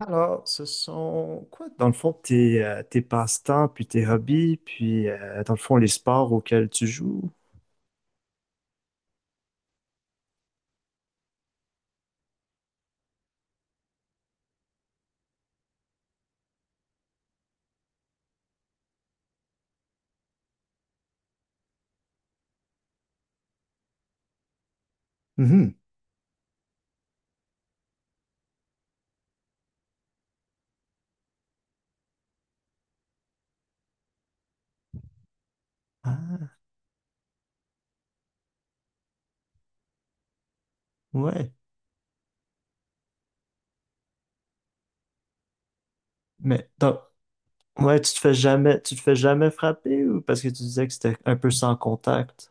Alors, ce sont quoi, dans le fond, tes, tes passe-temps, puis tes hobbies, puis dans le fond, les sports auxquels tu joues? Mhm. Ah, ouais. Mais donc, ouais, tu te fais jamais frapper ou parce que tu disais que c'était un peu sans contact?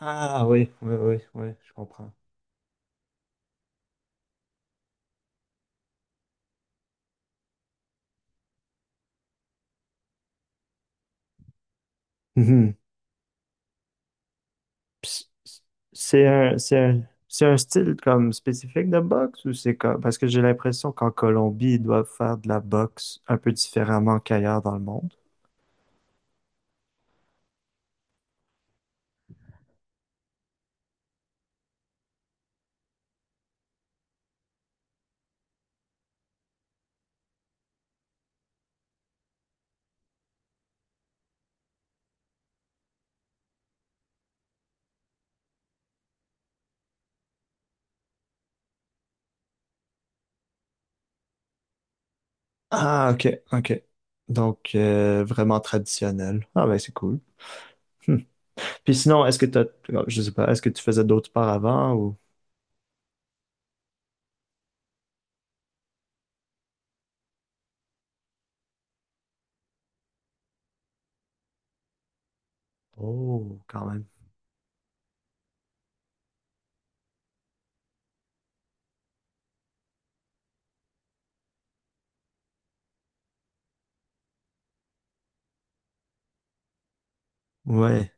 Ah oui, oui, oui, oui, je comprends. Mhm. Puis c- C'est un, c'est un, c'est un style comme spécifique de boxe ou c'est comme, parce que j'ai l'impression qu'en Colombie, ils doivent faire de la boxe un peu différemment qu'ailleurs dans le monde. Ah, ok, ok. Donc, vraiment traditionnel. Ah, ben, c'est cool. Hmm. Puis sinon, oh, je sais pas, est-ce que tu faisais d'autres sports avant ou? Oh, quand même. Ouais.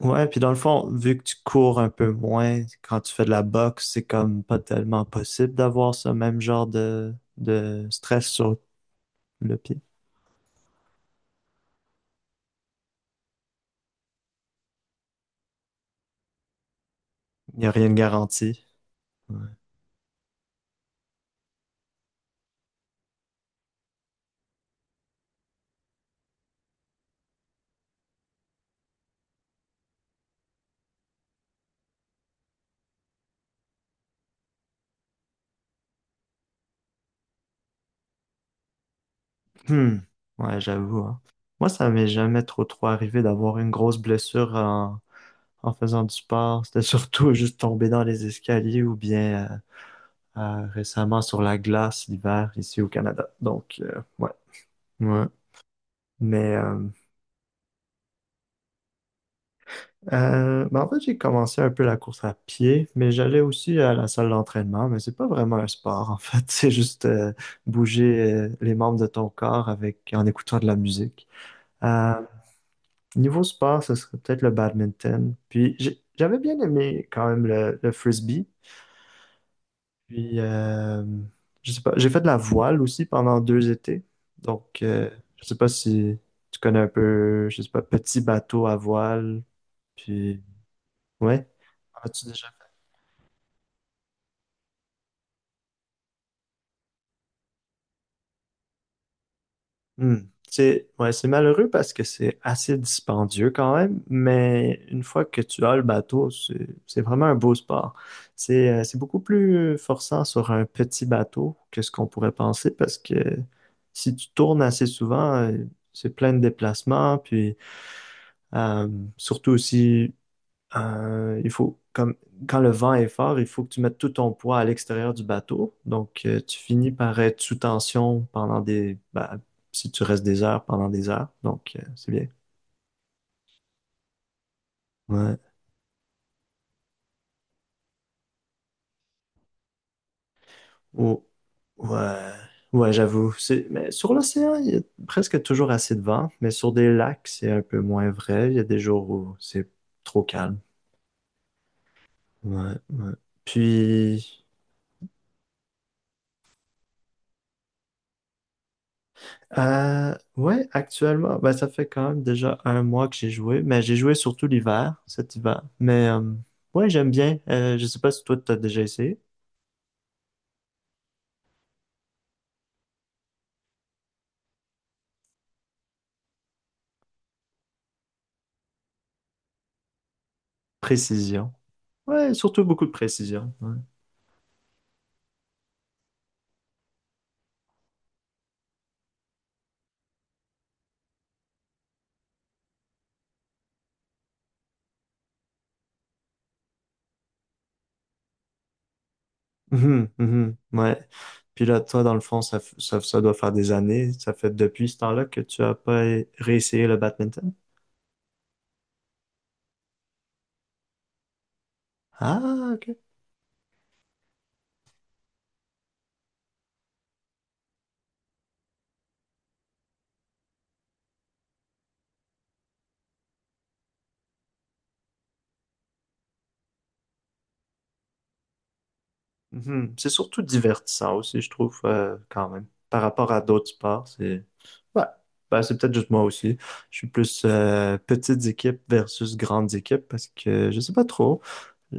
Ouais, puis dans le fond, vu que tu cours un peu moins, quand tu fais de la boxe, c'est comme pas tellement possible d'avoir ce même genre de stress sur le pied. Il n'y a rien de garanti. Ouais. Hmm. Ouais, j'avoue, hein. Moi, ça m'est jamais trop trop arrivé d'avoir une grosse blessure en faisant du sport. C'était surtout juste tomber dans les escaliers ou bien récemment sur la glace l'hiver ici au Canada. Donc, ouais. Ouais. Mais, euh, mais en fait, j'ai commencé un peu la course à pied, mais j'allais aussi à la salle d'entraînement, mais c'est pas vraiment un sport, en fait. C'est juste bouger les membres de ton corps avec en écoutant de la musique. Euh, Niveau sport, ce serait peut-être le badminton. Puis j'avais bien aimé quand même le frisbee. Puis je sais pas, j'ai fait de la voile aussi pendant deux étés. Donc je sais pas si tu connais un peu, je sais pas, petit bateau à voile. Puis ouais, en as-tu déjà Hmm. C'est ouais, c'est malheureux parce que c'est assez dispendieux quand même, mais une fois que tu as le bateau, c'est vraiment un beau sport. C'est beaucoup plus forçant sur un petit bateau que ce qu'on pourrait penser parce que si tu tournes assez souvent, c'est plein de déplacements, puis euh, surtout aussi il faut, comme, quand le vent est fort, il faut que tu mettes tout ton poids à l'extérieur du bateau. Donc, tu finis par être sous tension si tu restes des heures, pendant des heures. Donc, c'est bien. Ouais. Oh, ouais. Ouais, j'avoue. C'est, mais sur l'océan, il y a presque toujours assez de vent. Mais sur des lacs, c'est un peu moins vrai. Il y a des jours où c'est trop calme. Ouais, ouais. Puis, ouais, actuellement, ben, ça fait quand même déjà un mois que j'ai joué, mais j'ai joué surtout l'hiver, cet hiver. Mais ouais, j'aime bien. Je sais pas si toi, t'as déjà essayé. Précision. Ouais, surtout beaucoup de précision. Ouais. Mhm, mhm, ouais. Puis là, toi, dans le fond, ça doit faire des années. Ça fait depuis ce temps-là que tu as pas é- réessayé le badminton. Ah, ok. Mhm. C'est surtout divertissant aussi, je trouve, quand même. Par rapport à d'autres sports, c'est... Ouais, ben, c'est peut-être juste moi aussi. Je suis plus petites équipes versus grandes équipes parce que je sais pas trop.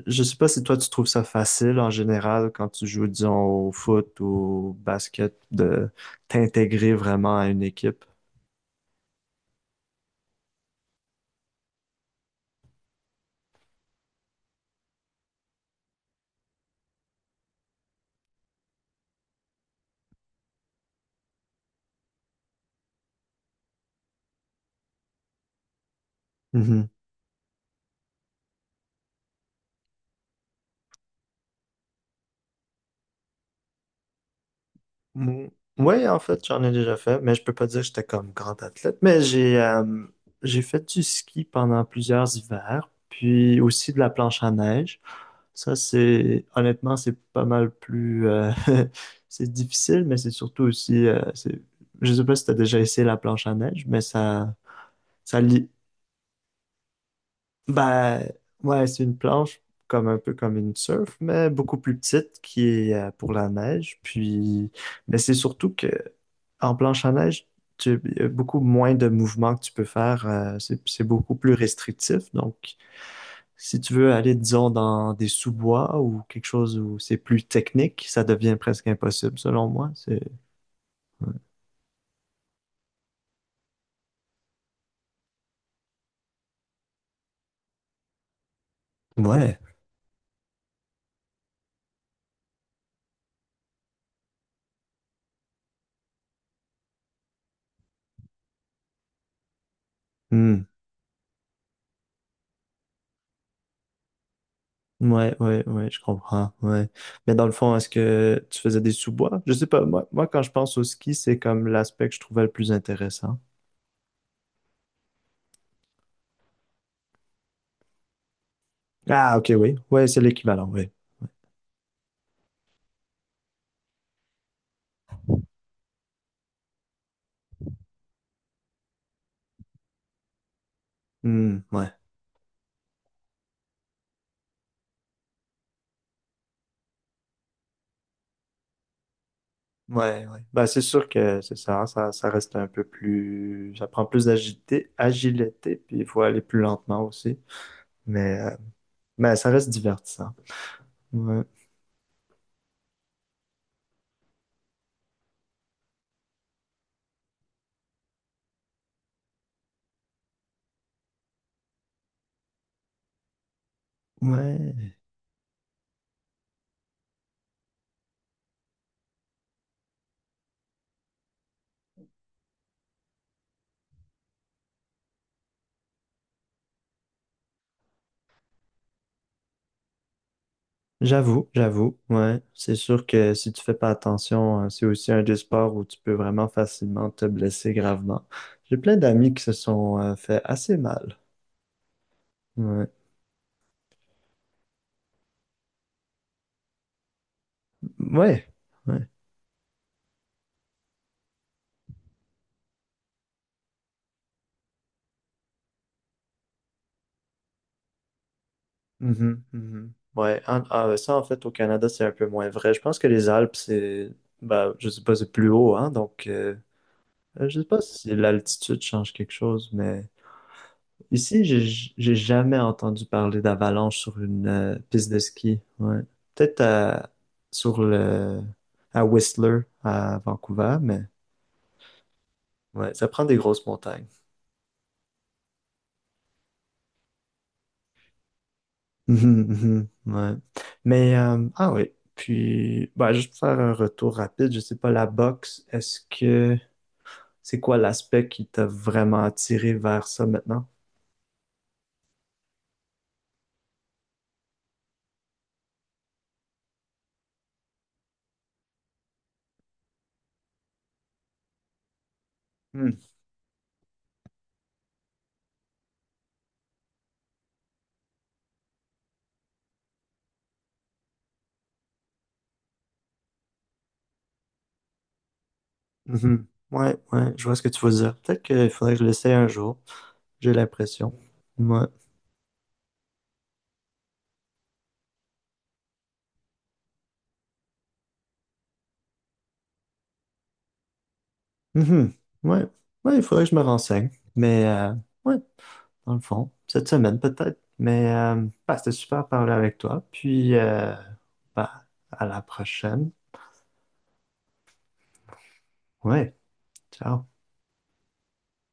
Je sais pas si toi, tu trouves ça facile en général quand tu joues, disons, au foot ou au basket de t'intégrer vraiment à une équipe. Mhm. Mm. Oui, en fait, j'en ai déjà fait, mais je peux pas dire que j'étais comme grand athlète, mais j'ai fait du ski pendant plusieurs hivers, puis aussi de la planche à neige. Ça, c'est honnêtement, c'est pas mal plus. C'est difficile, mais c'est surtout aussi. Je sais pas si tu as déjà essayé la planche à neige, mais ça lie. Ben, ouais, c'est une planche comme un peu comme une surf, mais beaucoup plus petite qui est pour la neige. Puis, mais c'est surtout que en planche à neige, tu, il y a beaucoup moins de mouvements que tu peux faire. C'est beaucoup plus restrictif, donc. Si tu veux aller, disons, dans des sous-bois ou quelque chose où c'est plus technique, ça devient presque impossible, selon moi. C'est... Ouais. Hmm. Ouais, ouais, ouais, je comprends. Ouais. Mais dans le fond, est-ce que tu faisais des sous-bois? Je sais pas. Moi, quand je pense au ski, c'est comme l'aspect que je trouvais le plus intéressant. Ah, ok, oui. Ouais, c'est l'équivalent, oui. Hmm, ouais. Ouais, ouais. Bah, c'est sûr que c'est ça reste un peu plus, ça prend plus agilité, puis il faut aller plus lentement aussi. Mais, euh, mais ça reste divertissant. Ouais, ouais, j'avoue, j'avoue, ouais. C'est sûr que si tu fais pas attention, c'est aussi un des sports où tu peux vraiment facilement te blesser gravement. J'ai plein d'amis qui se sont fait assez mal. Ouais, ouais, ouais. Mhm, mhm. Ouais, ouais, ça en fait au Canada c'est un peu moins vrai. Je pense que les Alpes c'est, bah, je sais pas, c'est plus haut, hein. Donc, je sais pas si l'altitude change quelque chose, mais Ici, j'ai jamais entendu parler d'avalanche sur une piste de ski. Ouais. Peut-être à- sur le à Whistler à Vancouver, mais ouais, ça prend des grosses montagnes. Mhm, mhm, ouais. Mais ah oui. Puis bah, juste pour faire un retour rapide, je sais pas, la boxe, est-ce que c'est quoi l'aspect qui t'a vraiment attiré vers ça maintenant? Hmm, mhm. Ouais, ouais, je vois ce que tu veux dire. Peut-être qu'il faudrait que je l'essaie un jour. J'ai l'impression. Ouais. Mhm. Ouais. Ouais, il faudrait que je me renseigne. Mais ouais, dans le fond, cette semaine peut-être. Mais bah, c'était super de parler avec toi. Puis bah, à la prochaine. Ouais, ciao.